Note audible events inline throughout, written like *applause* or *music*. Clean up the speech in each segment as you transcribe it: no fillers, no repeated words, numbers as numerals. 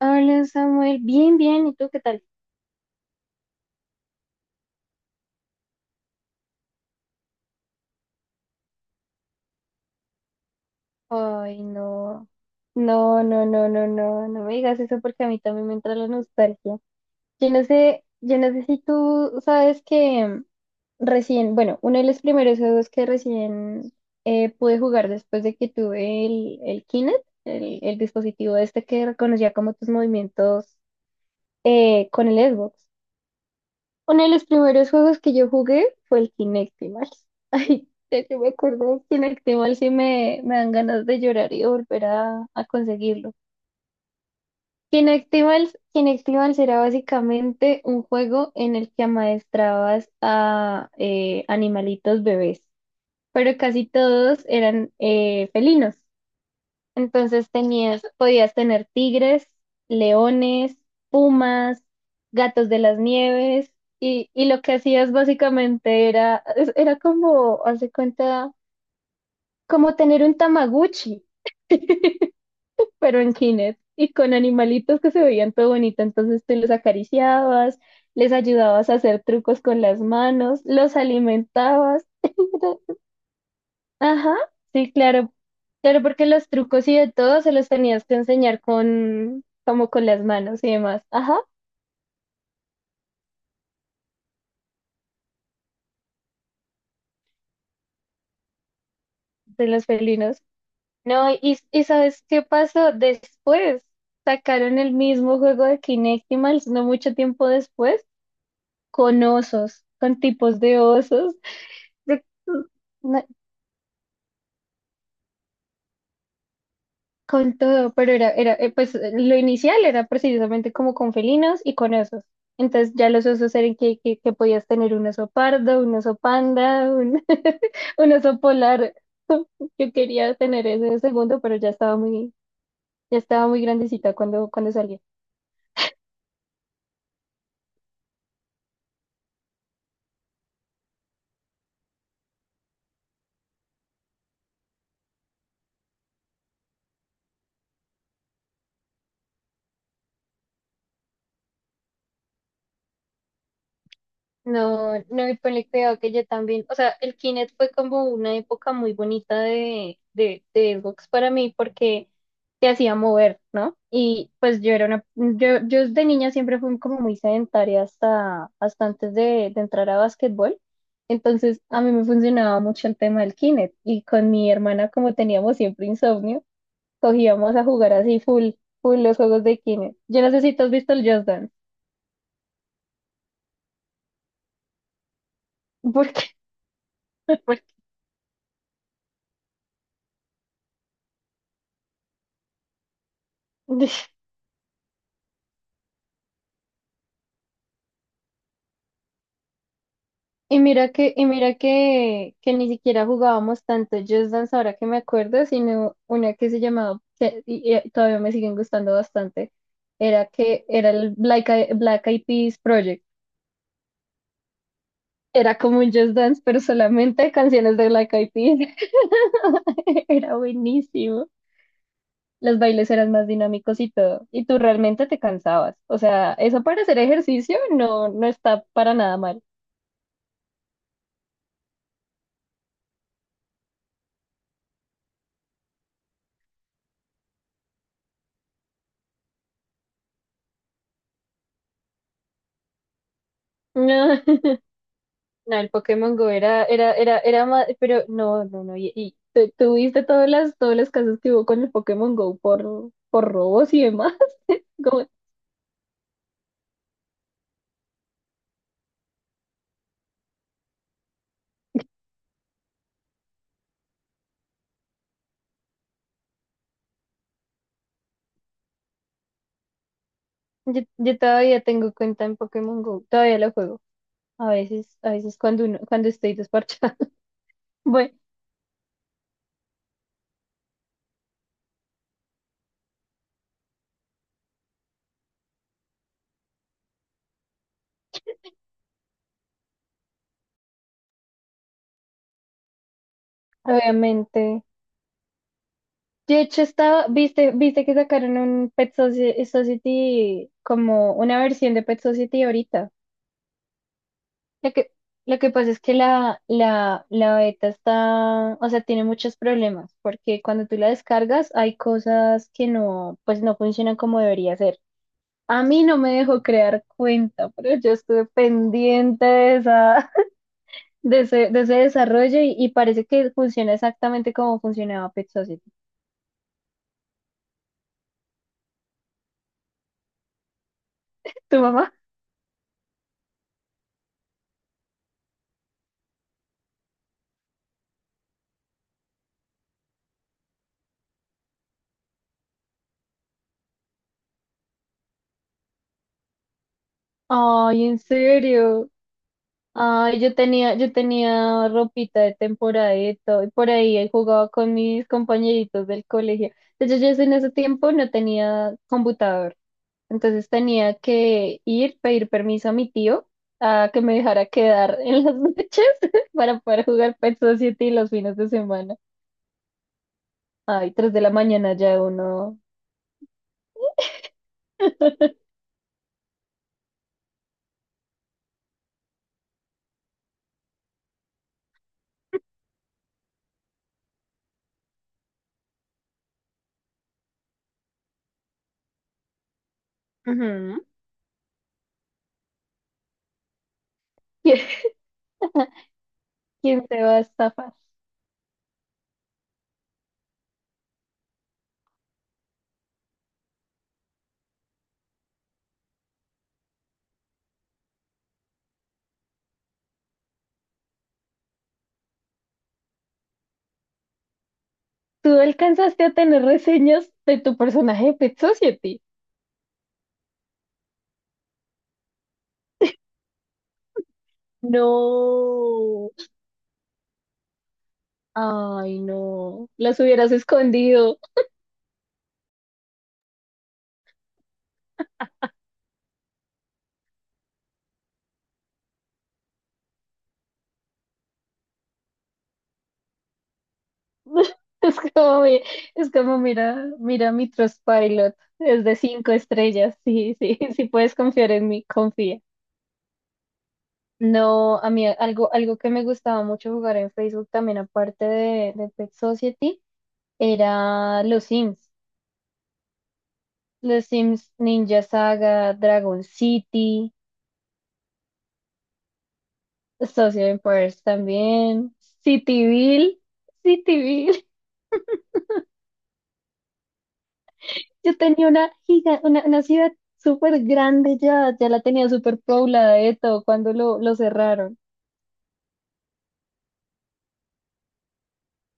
Hola Samuel, bien, bien, ¿y tú qué tal? Ay, no, no, no, no, no, no, no me digas eso porque a mí también me entra la nostalgia. Yo no sé si tú sabes que recién, bueno, uno de los primeros juegos que recién pude jugar después de que tuve el Kinect, el dispositivo este que reconocía como tus movimientos con el Xbox. Uno de los primeros juegos que yo jugué fue el Kinectimals. *laughs* Ay, ya que me acordé de Kinectimals y me dan ganas de llorar y de volver a conseguirlo. Kinectimals era básicamente un juego en el que amaestrabas a animalitos bebés, pero casi todos eran felinos. Entonces podías tener tigres, leones, pumas, gatos de las nieves, y lo que hacías básicamente era como, hace cuenta, como tener un Tamaguchi, pero en Kinect, y con animalitos que se veían todo bonito. Entonces tú los acariciabas, les ayudabas a hacer trucos con las manos, los alimentabas. Ajá, sí, claro. Claro, porque los trucos y de todo se los tenías que enseñar como con las manos y demás. Ajá, de los felinos. No, y ¿sabes qué pasó? Después sacaron el mismo juego de Kinectimals, no mucho tiempo después, con osos, con tipos de osos. *laughs* Con todo, pero era, pues lo inicial era precisamente como con felinos y con osos. Entonces ya los osos eran que, que podías tener un oso pardo, un oso panda, *laughs* un oso polar. Yo quería tener ese segundo, pero ya estaba muy grandecita cuando salía. No, no, y ponle cuidado que yo también, o sea, el Kinect fue como una época muy bonita de Xbox para mí porque te hacía mover, ¿no? Y pues yo era una, yo de niña siempre fui como muy sedentaria hasta antes de entrar a básquetbol, entonces a mí me funcionaba mucho el tema del Kinect y con mi hermana como teníamos siempre insomnio, cogíamos a jugar así full, full los juegos de Kinect. Yo no sé si tú has visto el Just Dance, porque, *laughs* porque Y mira que, que ni siquiera jugábamos tanto Just Dance ahora que me acuerdo, sino una que se llamaba, y todavía me siguen gustando bastante, era el Black Eyed Peas Project. Era como un Just Dance, pero solamente canciones de Black Eyed Peas. *laughs* Era buenísimo. Los bailes eran más dinámicos y todo. Y tú realmente te cansabas. O sea, eso para hacer ejercicio no está para nada mal. *laughs* No, el Pokémon Go era más, pero no, no, no, y tuviste todas las casas que hubo con el Pokémon Go por robos y demás. *laughs* Como- yo todavía tengo cuenta en Pokémon Go, todavía lo juego. A veces cuando cuando estoy desparchada. *laughs* Bueno, obviamente. De hecho, estaba, viste que sacaron un Pet Society, como una versión de Pet Society ahorita. Lo que, lo que pasa es que la beta está, o sea, tiene muchos problemas, porque cuando tú la descargas hay cosas que no, pues no funcionan como debería ser. A mí no me dejó crear cuenta, pero yo estuve pendiente de esa, *laughs* de ese desarrollo y parece que funciona exactamente como funcionaba Pet Society. ¿Tu mamá? Ay, ¿en serio? Ay, yo tenía ropita de temporada y de todo, y por ahí jugaba con mis compañeritos del colegio. De hecho, yo en ese tiempo no tenía computador, entonces tenía que ir, pedir permiso a mi tío a que me dejara quedar en las *laughs* noches para poder jugar Pet Society los fines de semana. Ay, tres de la mañana ya uno. *laughs* Ujú. ¿Quién quién te va a estafar? ¿Tú alcanzaste a tener reseñas de tu personaje de Pet Society? No, ay, no, las hubieras escondido. *laughs* Es como, mi- es como mira, mira mi Trustpilot, es de 5 estrellas. Sí, sí, *laughs* sí puedes confiar en mí, confía. No, a mí algo que me gustaba mucho jugar en Facebook también, aparte de Pet Society, era los Sims. Los Sims Ninja Saga, Dragon City, Social Empires también, Cityville, Cityville. Yo tenía una ciudad súper grande, ya la tenía súper poblada de todo cuando lo cerraron.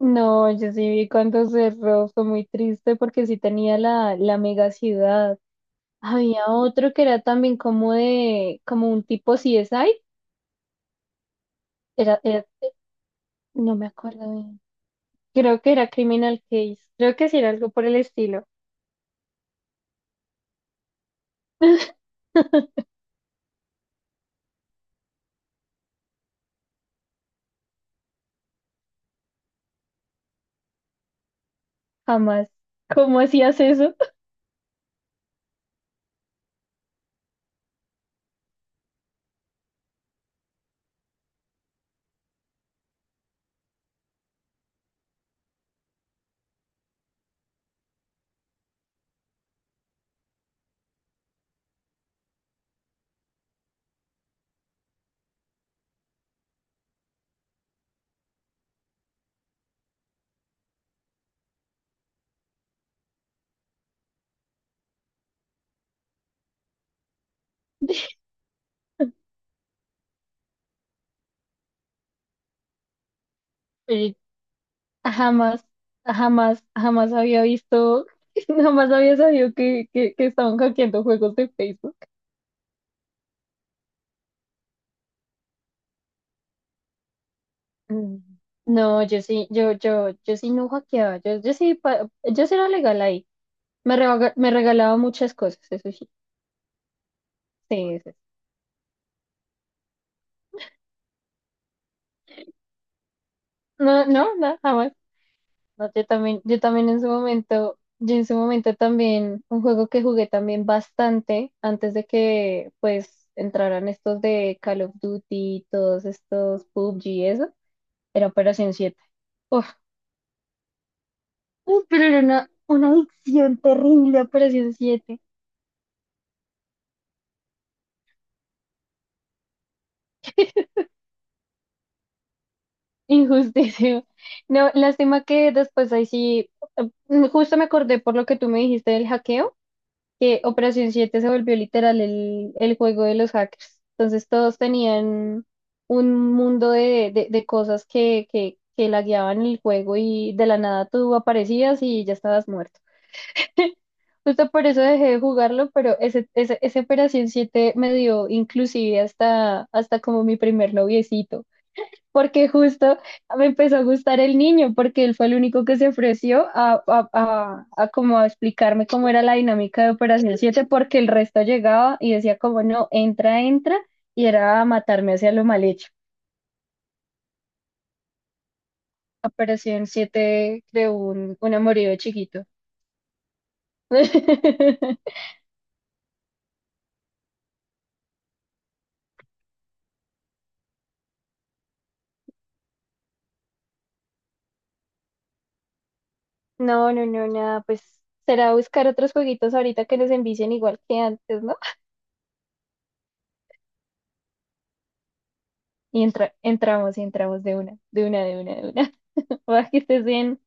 No, yo sí vi cuando cerró, fue muy triste porque sí tenía la mega ciudad. Había otro que era también como de, como un tipo CSI, era, era- no me acuerdo bien. Creo que era Criminal Case, creo que sí era algo por el estilo. *laughs* Jamás. ¿Cómo hacías eso? *laughs* Oye, jamás, jamás, jamás había visto, *laughs* jamás había sabido que, que estaban hackeando juegos de Facebook. Mm. No, yo sí, yo sí no hackeaba, yo sí era legal ahí. Me regalaba muchas cosas, eso sí, sí, sí. No, no, no, jamás. No, yo también en su momento, yo en su momento también, un juego que jugué también bastante antes de que pues entraran estos de Call of Duty, todos estos PUBG, eso. Era Operación 7. Uf, pero era una adicción terrible, Operación 7. Injusticia. No, lástima que después ahí sí, justo me acordé por lo que tú me dijiste del hackeo, que Operación 7 se volvió literal el juego de los hackers. Entonces todos tenían un mundo de cosas que, que lagueaban el juego y de la nada tú aparecías y ya estabas muerto. Justo por eso dejé de jugarlo, pero ese Operación 7 me dio inclusive hasta como mi primer noviecito, porque justo me empezó a gustar el niño, porque él fue el único que se ofreció a como a explicarme cómo era la dinámica de Operación 7 porque el resto llegaba y decía como no, entra, entra, y era a matarme hacia lo mal hecho. Operación 7 creó un amorío de chiquito. *laughs* No, no, no, nada, pues será buscar otros jueguitos ahorita que nos envicien igual que antes, ¿no? Y entramos y entramos de una, de una, de una, de una. *laughs* Va, que estés bien.